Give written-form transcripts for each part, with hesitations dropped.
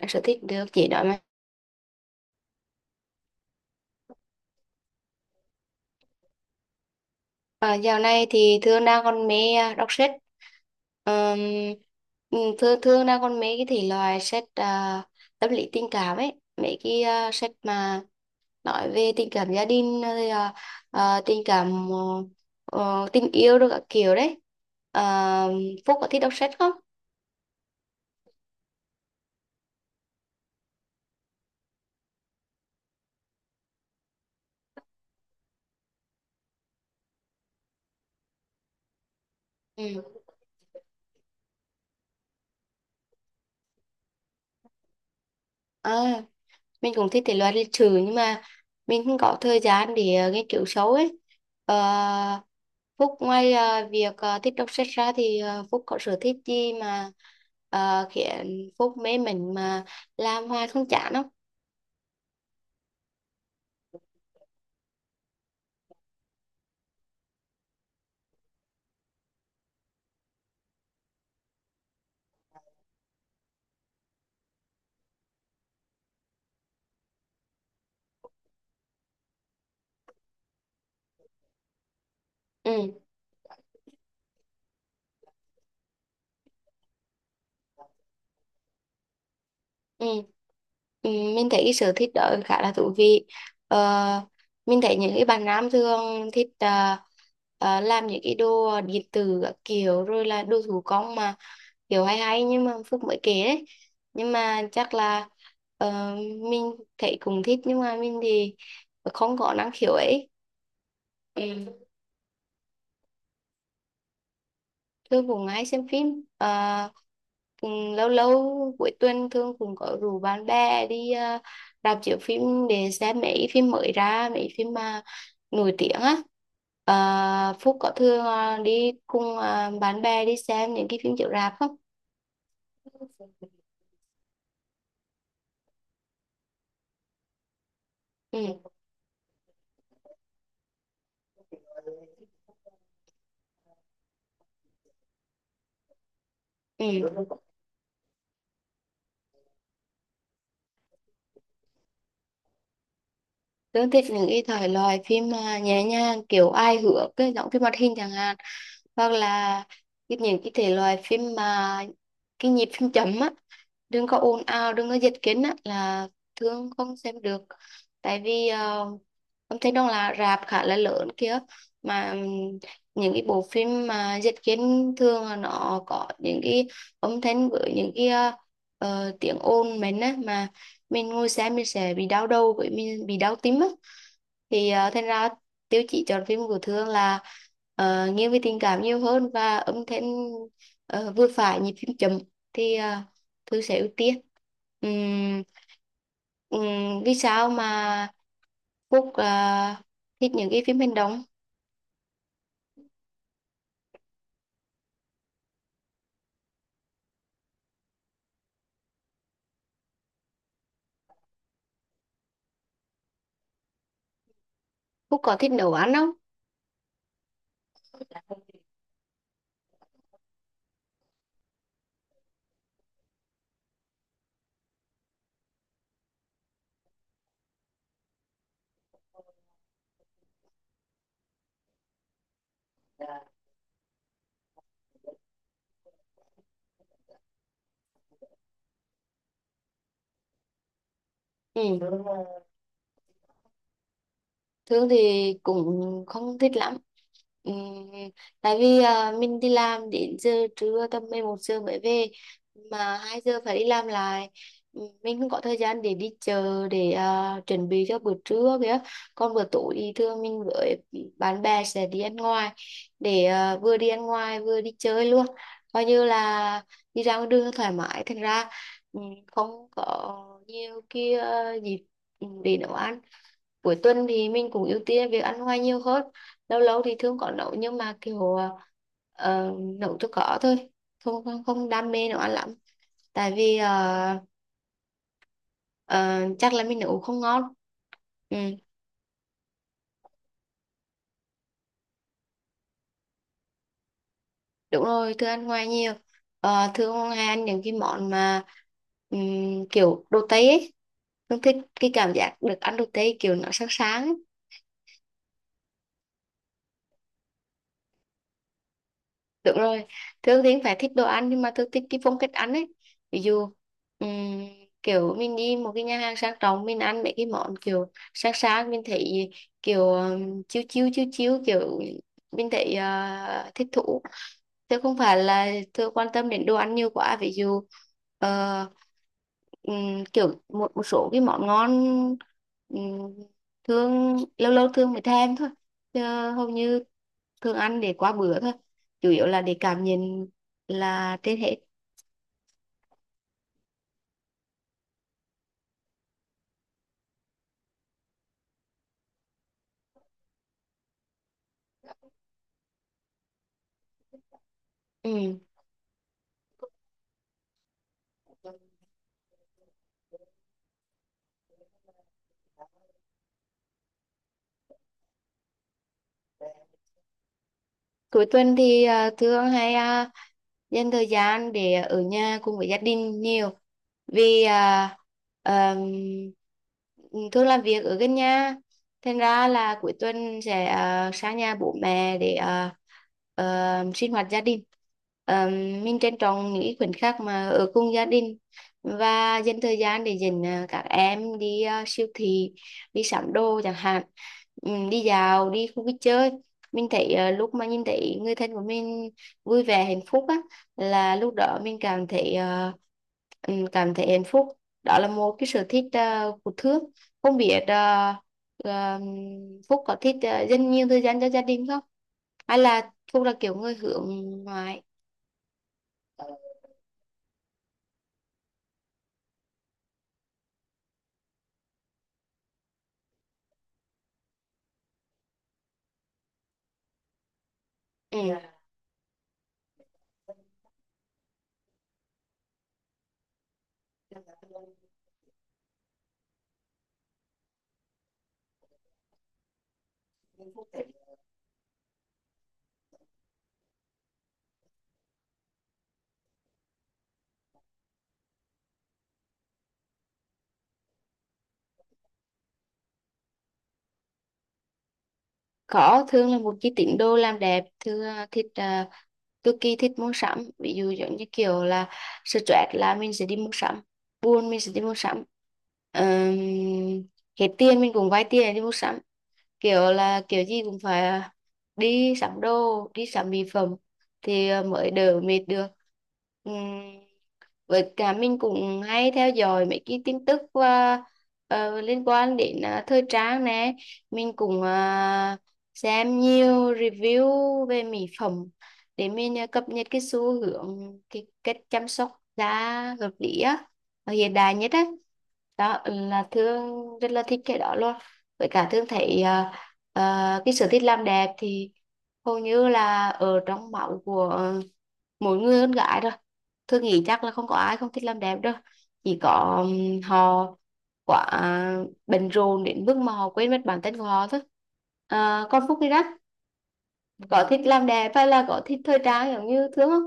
Đọc sở thích được chị nói mà. Dạo này thì Thương đang còn mê đọc sách. Ờm, ừ, thương thương đang còn mê cái thể loại sách, tâm lý tình cảm ấy, mấy cái sách mà nói về tình cảm gia đình, rồi tình cảm, tình yêu, rồi các kiểu đấy. Ờ, Phúc có thích đọc sách không? Ừ. À. Mình cũng thích thể loại lịch sử nhưng mà mình không có thời gian để nghiên cứu sâu ấy. Ờ, Phúc ngoài việc thích đọc sách ra thì Phúc có sở thích gì mà khiến Phúc mê mình, mà làm hoài không chán không? Ừ. Ừ. Ừ, mình thấy cái sở thích đó khá là thú vị. ờ, mình thấy những cái bạn nam thường thích làm những cái đồ điện tử các kiểu, rồi là đồ thủ công mà kiểu hay hay, nhưng mà Phúc mới kể đấy. Nhưng mà chắc là, ờ, mình thấy cũng thích, nhưng mà mình thì không có năng khiếu ấy. Ừ. Thương cũng hay xem phim. Ờ, ừ, lâu lâu cuối tuần Thương cũng có rủ bạn bè đi rạp chiếu phim để xem mấy phim mới ra, mấy phim mà nổi tiếng á. Ờ, Phúc có thường đi cùng bạn bè đi xem những cái phim chiếu rạp không? Ừ. Ừ. Tớ thích những cái thể loại phim nhẹ nhàng, kiểu ai hước, cái giọng phim hoạt hình chẳng hạn, hoặc là những cái thể loại phim mà cái nhịp phim chậm á, đừng có ồn ào, đừng có dịch kính á, là thường không xem được. Tại vì âm thanh đông là rạp khá là lớn kia, mà những cái bộ phim mà dịch kính thường là nó có những cái âm thanh với những cái tiếng ồn mình á, mà mình ngồi xem mình sẽ bị đau đầu với mình bị đau tim á. Thì thành ra tiêu chí chọn phim của Thương là nghiêng về tình cảm nhiều hơn, và âm thanh vừa phải, nhịp phím chậm thì Thư sẽ ưu tiên. Ừm, vì sao mà Phúc thích những cái phim hành động? Phúc có thích nấu ăn không? Ừ. Thương thì cũng không thích lắm. Ừm, tại vì mình đi làm đến giờ trưa tầm 11 giờ mới về, mà 2 giờ phải đi làm lại. Mình không có thời gian để đi chợ, để chuẩn bị cho bữa trưa kìa. Còn bữa tối thì thường mình với bạn bè sẽ đi ăn ngoài, để vừa đi ăn ngoài vừa đi chơi luôn. Coi như là đi ra ngoài đường thoải mái. Thành ra không có nhiều kia dịp để nấu ăn. Cuối tuần thì mình cũng ưu tiên việc ăn ngoài nhiều hơn. Lâu lâu thì thường có nấu nhưng mà kiểu ờ, nấu cho có thôi, không không không đam mê nấu ăn lắm. Tại vì ờ, chắc là mình nấu không ngon. Ừ, đúng rồi, thường ăn ngoài nhiều. Ờ, thường hay ăn những cái món mà kiểu đồ Tây ấy. Thường thích cái cảm giác được ăn đồ Tây, kiểu nó sáng sáng ấy. Đúng rồi, Thương thì phải thích đồ ăn, nhưng mà Thương thích cái phong cách ăn ấy. Ví dụ ừm, kiểu mình đi một cái nhà hàng sang trọng, mình ăn mấy cái món kiểu sang sang, mình thấy kiểu chiêu chiêu chiêu chiêu, kiểu mình thấy thích thú. Chứ không phải là Thương quan tâm đến đồ ăn nhiều quá. Ví dụ ờ, kiểu một một số cái món ngon, ừm, Thương lâu lâu Thương mới thèm thôi. Chứ hầu như thường ăn để qua bữa thôi, chủ yếu là để cảm nhận là trên hết. Ừ. Cuối tuần thì thường hay dành thời gian để ở nhà cùng với gia đình nhiều. Vì ờm, thường làm việc ở gần nhà, thành ra là cuối tuần sẽ sang nhà bố mẹ để ờ, sinh hoạt gia đình. Ờ, mình trân trọng những khoảnh khắc mà ở cùng gia đình, và dành thời gian để dẫn các em đi siêu thị, đi sắm đồ chẳng hạn. Ừ, đi dạo, đi khu vui chơi. Mình thấy lúc mà nhìn thấy người thân của mình vui vẻ hạnh phúc á, là lúc đó mình cảm thấy cảm thấy hạnh phúc. Đó là một cái sở thích của Thước. Không biết ờ, Phúc có thích dành nhiều thời gian cho gia đình không? Hay là Phúc là kiểu người hướng ngoại? Ừ. Có, Thương là một cái tín đồ làm đẹp. Thương thích cực kỳ thích mua sắm. Ví dụ giống như kiểu là stress là mình sẽ đi mua sắm, buồn mình sẽ đi mua sắm. Ờm, hết tiền mình cũng vay tiền để đi mua sắm, kiểu là kiểu gì cũng phải đi sắm đồ, đi sắm mỹ phẩm, thì mới đỡ mệt được. Ừm, với cả mình cũng hay theo dõi mấy cái tin tức liên quan đến thời trang nè. Mình cũng xem nhiều review về mỹ phẩm để mình cập nhật cái xu hướng, cái cách chăm sóc da hợp lý á, và hiện đại nhất á. Đó là Thương rất là thích cái đó luôn. Với cả Thương thấy Ờ, cái sở thích làm đẹp thì hầu như là ở trong máu của mỗi người con gái rồi. Tôi nghĩ chắc là không có ai không thích làm đẹp đâu, chỉ có họ quá bận rộn đến mức mà họ quên mất bản thân của họ thôi. Ờ, con Phúc đi đó, có thích làm đẹp hay là có thích thời trang giống như Thương không?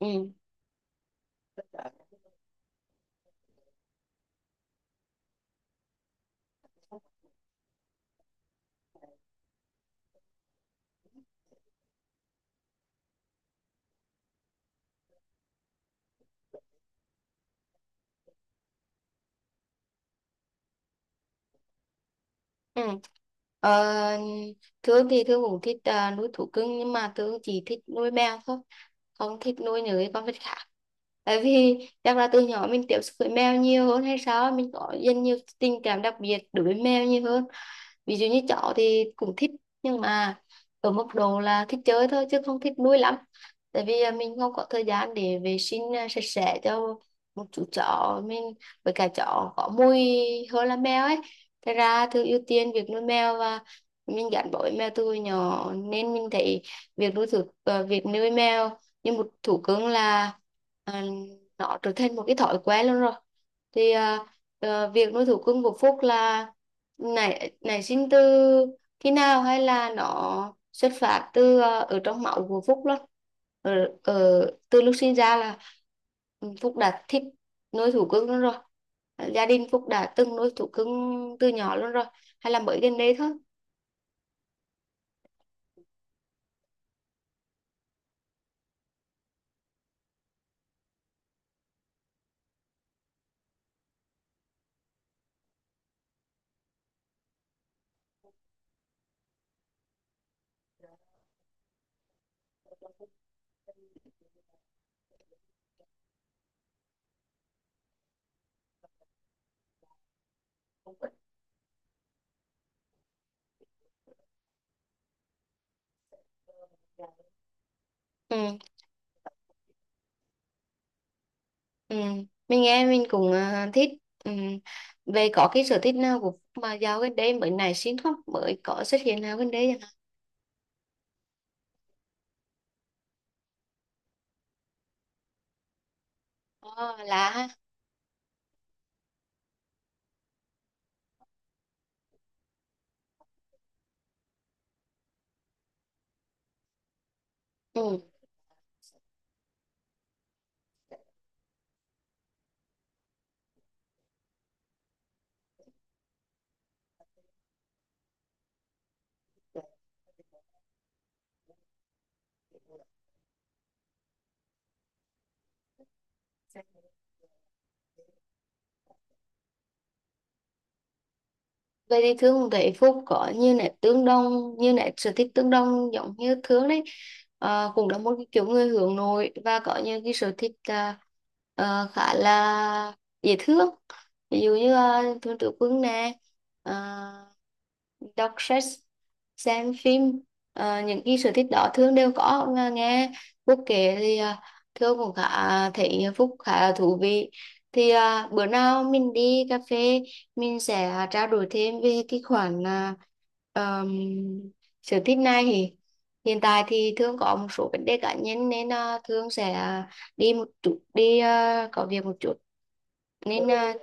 Ừ. Ừ. Ờ, Thương thì Thương cũng thích nuôi thú cưng, nhưng mà Thương chỉ thích nuôi mèo thôi, không thích nuôi những cái con vật khác. Tại vì chắc là từ nhỏ mình tiếp xúc với mèo nhiều hơn hay sao, mình có dần nhiều tình cảm đặc biệt đối với mèo nhiều hơn. Ví dụ như chó thì cũng thích, nhưng mà ở mức độ là thích chơi thôi chứ không thích nuôi lắm. Tại vì mình không có thời gian để vệ sinh sạch sẽ cho một chú chó mình, với cả chó có mùi hơn là mèo ấy. Thế ra thường ưu tiên việc nuôi mèo, và mình gắn bó với mèo từ hồi nhỏ, nên mình thấy việc việc nuôi mèo như một thú cưng là à, nó trở thành một cái thói quen luôn rồi. Thì việc nuôi thú cưng của Phúc là nảy nảy sinh từ khi nào, hay là nó xuất phát từ ở trong máu của Phúc luôn, ở, ở từ lúc sinh ra là Phúc đã thích nuôi thú cưng luôn rồi? Gia đình Phúc đã từng nuôi thú cưng từ nhỏ luôn rồi, hay là mới gần đây thôi? Ừ, ừ. Mình nghe mình cũng thích. Ừ. Về có cái sở thích nào của Phúc mà dạo gần đây mới nảy sinh không, mới có xuất hiện nào gần đây chẳng hạn? Ờ, là ha. Ừ. Vậy thì thường thấy Phúc có như nét tương đồng, như nét sở thích tương đồng giống như thường đấy. Ờ, cũng là một cái kiểu người hướng nội, và có những cái sở thích khá là dễ thương. Ví dụ như thường tử quân nè, ờ, đọc sách, xem phim. Ờ, những cái sở thích đó thường đều có. Nghe Phúc kể thì thường cũng khá thấy Phúc khá là thú vị. Thì bữa nào mình đi cà phê mình sẽ trao đổi thêm về cái khoản ờm, sở thích này. Thì hiện tại thì Thương có một số vấn đề cá nhân, nên Thương sẽ đi một chút, đi có việc một chút, nên à,